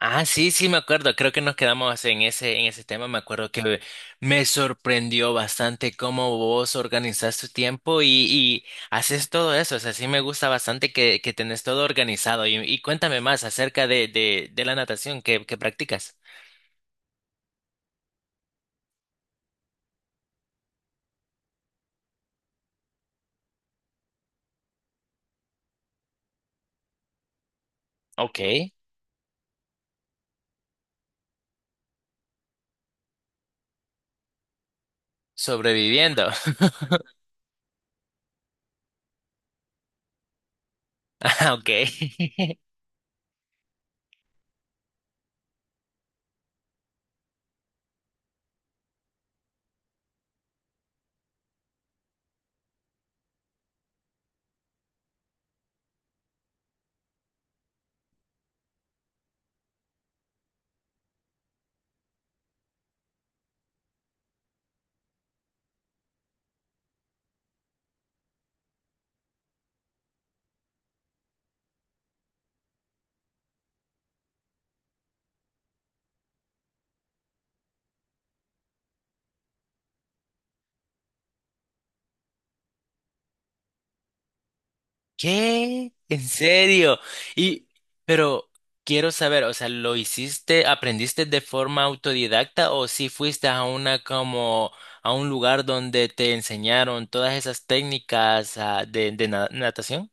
Ah, sí, sí, me acuerdo. Creo que nos quedamos en ese tema. Me acuerdo que me sorprendió bastante cómo vos organizás tu tiempo y haces todo eso. O sea, sí me gusta bastante que tenés todo organizado. Y cuéntame más acerca de la natación que practicas. Ok. Sobreviviendo. Ok. ¿Qué? ¿En serio? Y, pero quiero saber, o sea, ¿lo hiciste, aprendiste de forma autodidacta o si fuiste a una como a un lugar donde te enseñaron todas esas técnicas natación?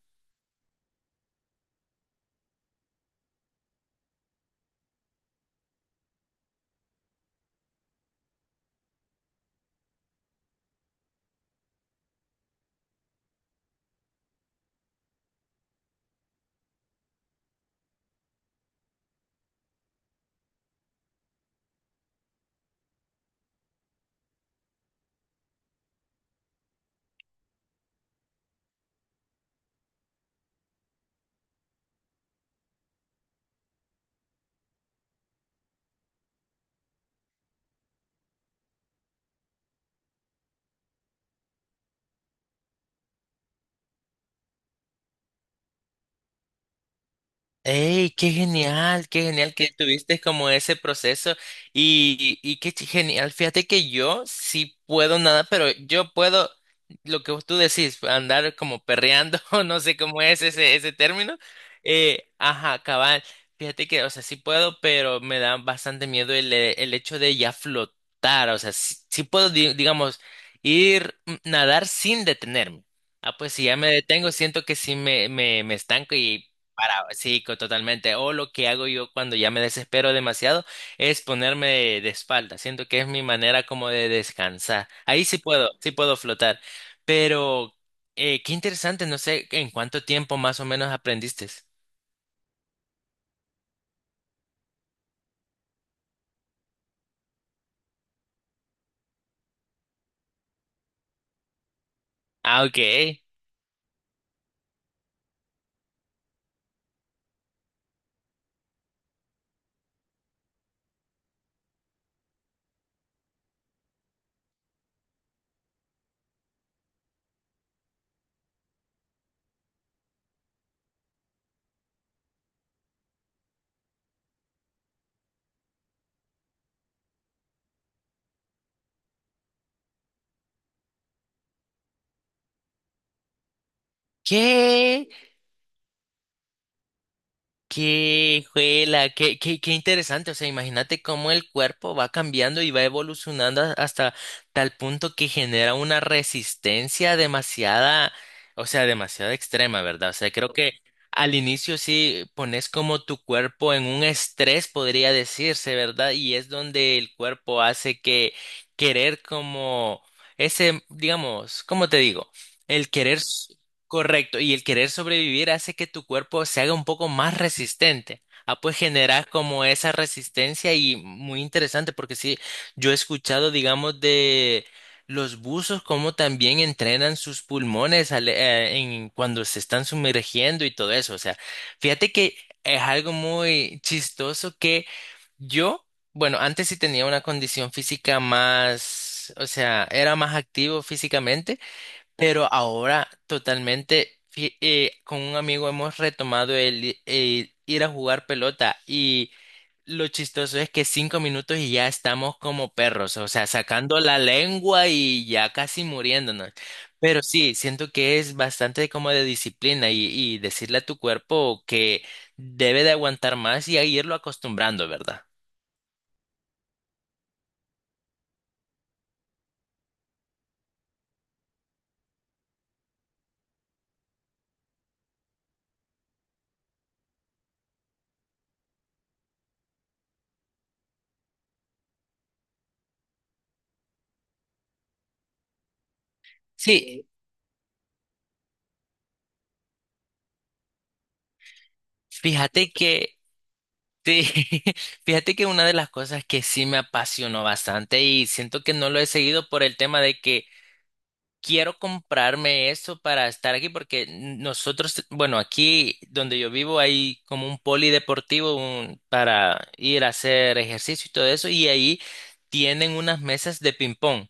¡Ey, qué genial! ¡Qué genial que tuviste como ese proceso! Y qué genial. Fíjate que yo sí puedo nada, pero yo puedo lo que tú decís, andar como perreando, o no sé cómo es ese término. Ajá, cabal. Fíjate que, o sea, sí puedo, pero me da bastante miedo el hecho de ya flotar. O sea, sí, sí puedo, digamos, ir nadar sin detenerme. Ah, pues si ya me detengo, siento que sí me estanco y para, sí, totalmente. O lo que hago yo cuando ya me desespero demasiado es ponerme de espalda. Siento que es mi manera como de descansar. Ahí sí puedo flotar. Pero qué interesante, no sé en cuánto tiempo más o menos aprendiste. Ah, ok. ¿Qué? Qué juela, qué interesante. O sea, imagínate cómo el cuerpo va cambiando y va evolucionando hasta tal punto que genera una resistencia demasiada, o sea, demasiado extrema, ¿verdad? O sea, creo que al inicio sí pones como tu cuerpo en un estrés, podría decirse, ¿verdad? Y es donde el cuerpo hace que querer como ese, digamos, ¿cómo te digo? El querer. Correcto, y el querer sobrevivir hace que tu cuerpo se haga un poco más resistente. Ah, pues generas como esa resistencia y muy interesante porque sí, yo he escuchado, digamos, de los buzos cómo también entrenan sus pulmones cuando se están sumergiendo y todo eso. O sea, fíjate que es algo muy chistoso que yo, bueno, antes sí tenía una condición física más, o sea, era más activo físicamente. Pero ahora totalmente, con un amigo hemos retomado el ir a jugar pelota y lo chistoso es que 5 minutos y ya estamos como perros, o sea, sacando la lengua y ya casi muriéndonos. Pero sí, siento que es bastante como de disciplina y decirle a tu cuerpo que debe de aguantar más y a irlo acostumbrando, ¿verdad? Sí, fíjate que sí, fíjate que una de las cosas que sí me apasionó bastante y siento que no lo he seguido por el tema de que quiero comprarme eso para estar aquí porque nosotros, bueno, aquí donde yo vivo hay como un polideportivo para ir a hacer ejercicio y todo eso y ahí tienen unas mesas de ping pong.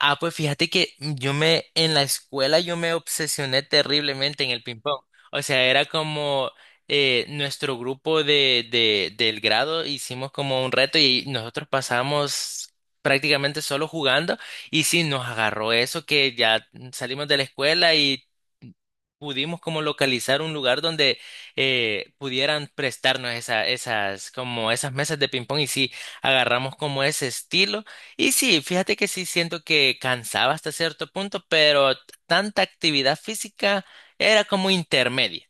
Ah, pues fíjate que yo me, en la escuela yo me obsesioné terriblemente en el ping pong. O sea, era como nuestro grupo del grado hicimos como un reto y nosotros pasamos prácticamente solo jugando. Y sí, nos agarró eso que ya salimos de la escuela y pudimos como localizar un lugar donde pudieran prestarnos esas, como esas mesas de ping pong y sí, agarramos como ese estilo y sí, fíjate que sí siento que cansaba hasta cierto punto, pero tanta actividad física era como intermedia.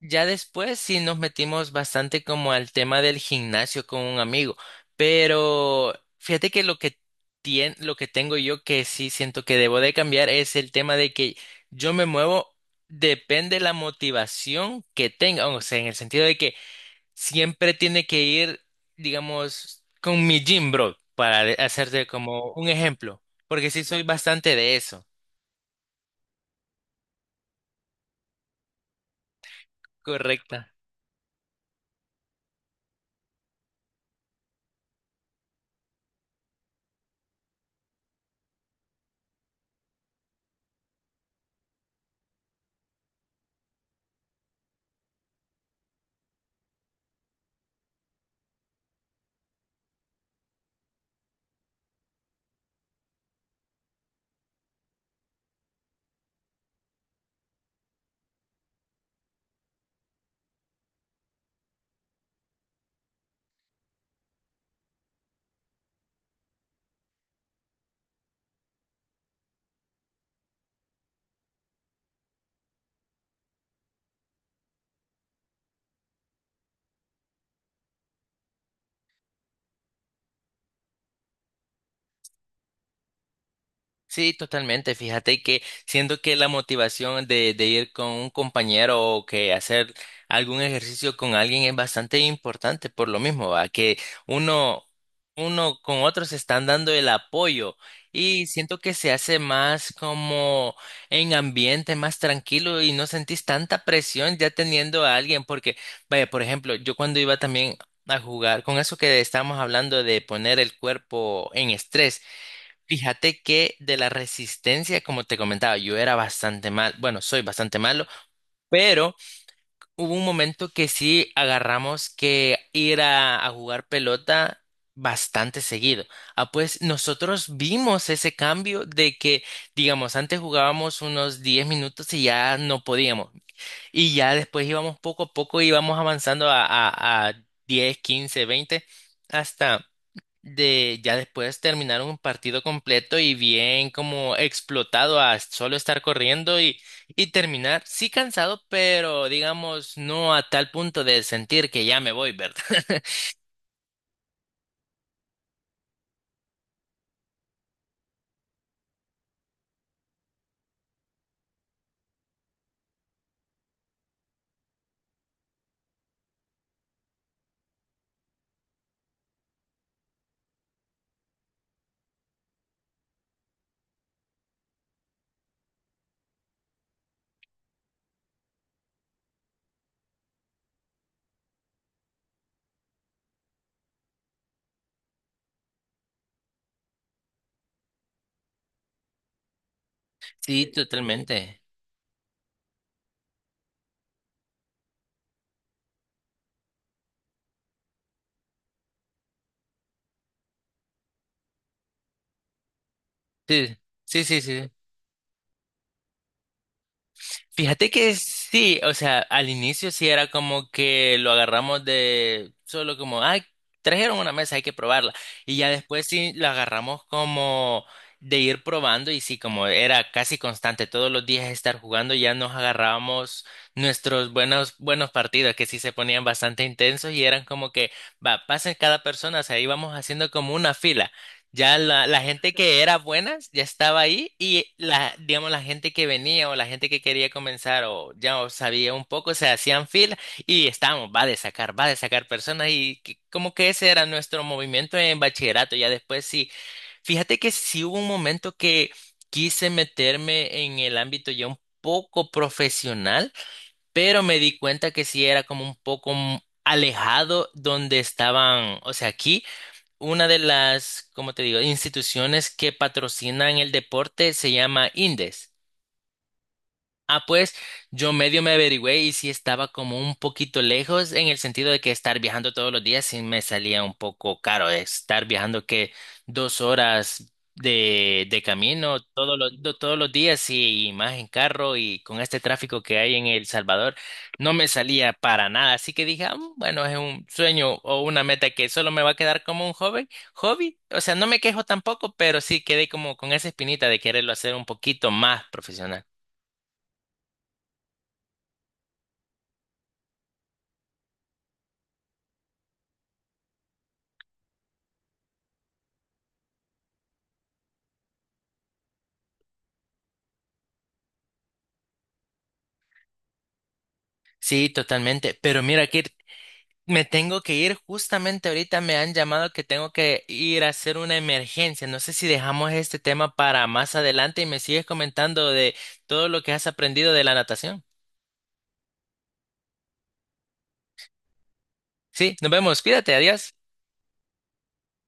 Ya después sí nos metimos bastante como al tema del gimnasio con un amigo, pero fíjate que lo que lo que tengo yo que sí siento que debo de cambiar es el tema de que yo me muevo depende de la motivación que tenga, o sea, en el sentido de que siempre tiene que ir, digamos, con mi gym bro, para hacerte como un ejemplo, porque sí soy bastante de eso. Correcto. Sí, totalmente. Fíjate que siento que la motivación de ir con un compañero o que hacer algún ejercicio con alguien es bastante importante por lo mismo, ¿va? Que uno, uno con otro se están dando el apoyo y siento que se hace más como en ambiente más tranquilo y no sentís tanta presión ya teniendo a alguien porque, vaya, por ejemplo, yo cuando iba también a jugar con eso que estábamos hablando de poner el cuerpo en estrés. Fíjate que de la resistencia, como te comentaba, yo era bastante mal, bueno, soy bastante malo, pero hubo un momento que sí agarramos que ir a jugar pelota bastante seguido. Ah, pues nosotros vimos ese cambio de que, digamos, antes jugábamos unos 10 minutos y ya no podíamos. Y ya después íbamos poco a poco, íbamos avanzando a 10, 15, 20, hasta de ya después terminar un partido completo y bien como explotado a solo estar corriendo y terminar, sí cansado, pero digamos no a tal punto de sentir que ya me voy, ¿verdad? Sí, totalmente. Sí, sí, sí, sí. Fíjate que sí, o sea, al inicio sí era como que lo agarramos de solo como, ay, trajeron una mesa, hay que probarla. Y ya después sí lo agarramos como de ir probando y sí, como era casi constante todos los días estar jugando, ya nos agarrábamos nuestros buenos, buenos partidos que sí se ponían bastante intensos y eran como que, va, pasen cada persona, o sea, íbamos haciendo como una fila. Ya la gente que era buena ya estaba ahí y la, digamos, la gente que venía o la gente que quería comenzar o ya o sabía un poco, se hacían fila y estábamos, va a sacar personas y como que ese era nuestro movimiento en bachillerato. Ya después sí, fíjate que sí hubo un momento que quise meterme en el ámbito ya un poco profesional, pero me di cuenta que sí era como un poco alejado donde estaban, o sea, aquí. Una de las, como te digo?, instituciones que patrocinan el deporte se llama Indes. Ah, pues yo medio me averigüé y sí estaba como un poquito lejos en el sentido de que estar viajando todos los días sí me salía un poco caro. Estar viajando que 2 horas de camino todos los días y más en carro y con este tráfico que hay en El Salvador no me salía para nada. Así que dije, "Ah, bueno, es un sueño o una meta que solo me va a quedar como un hobby, hobby. O sea, no me quejo tampoco, pero sí quedé como con esa espinita de quererlo hacer un poquito más profesional". Sí, totalmente. Pero mira, Kir, me tengo que ir. Justamente ahorita me han llamado que tengo que ir a hacer una emergencia. No sé si dejamos este tema para más adelante y me sigues comentando de todo lo que has aprendido de la natación. Sí, nos vemos. Cuídate, adiós.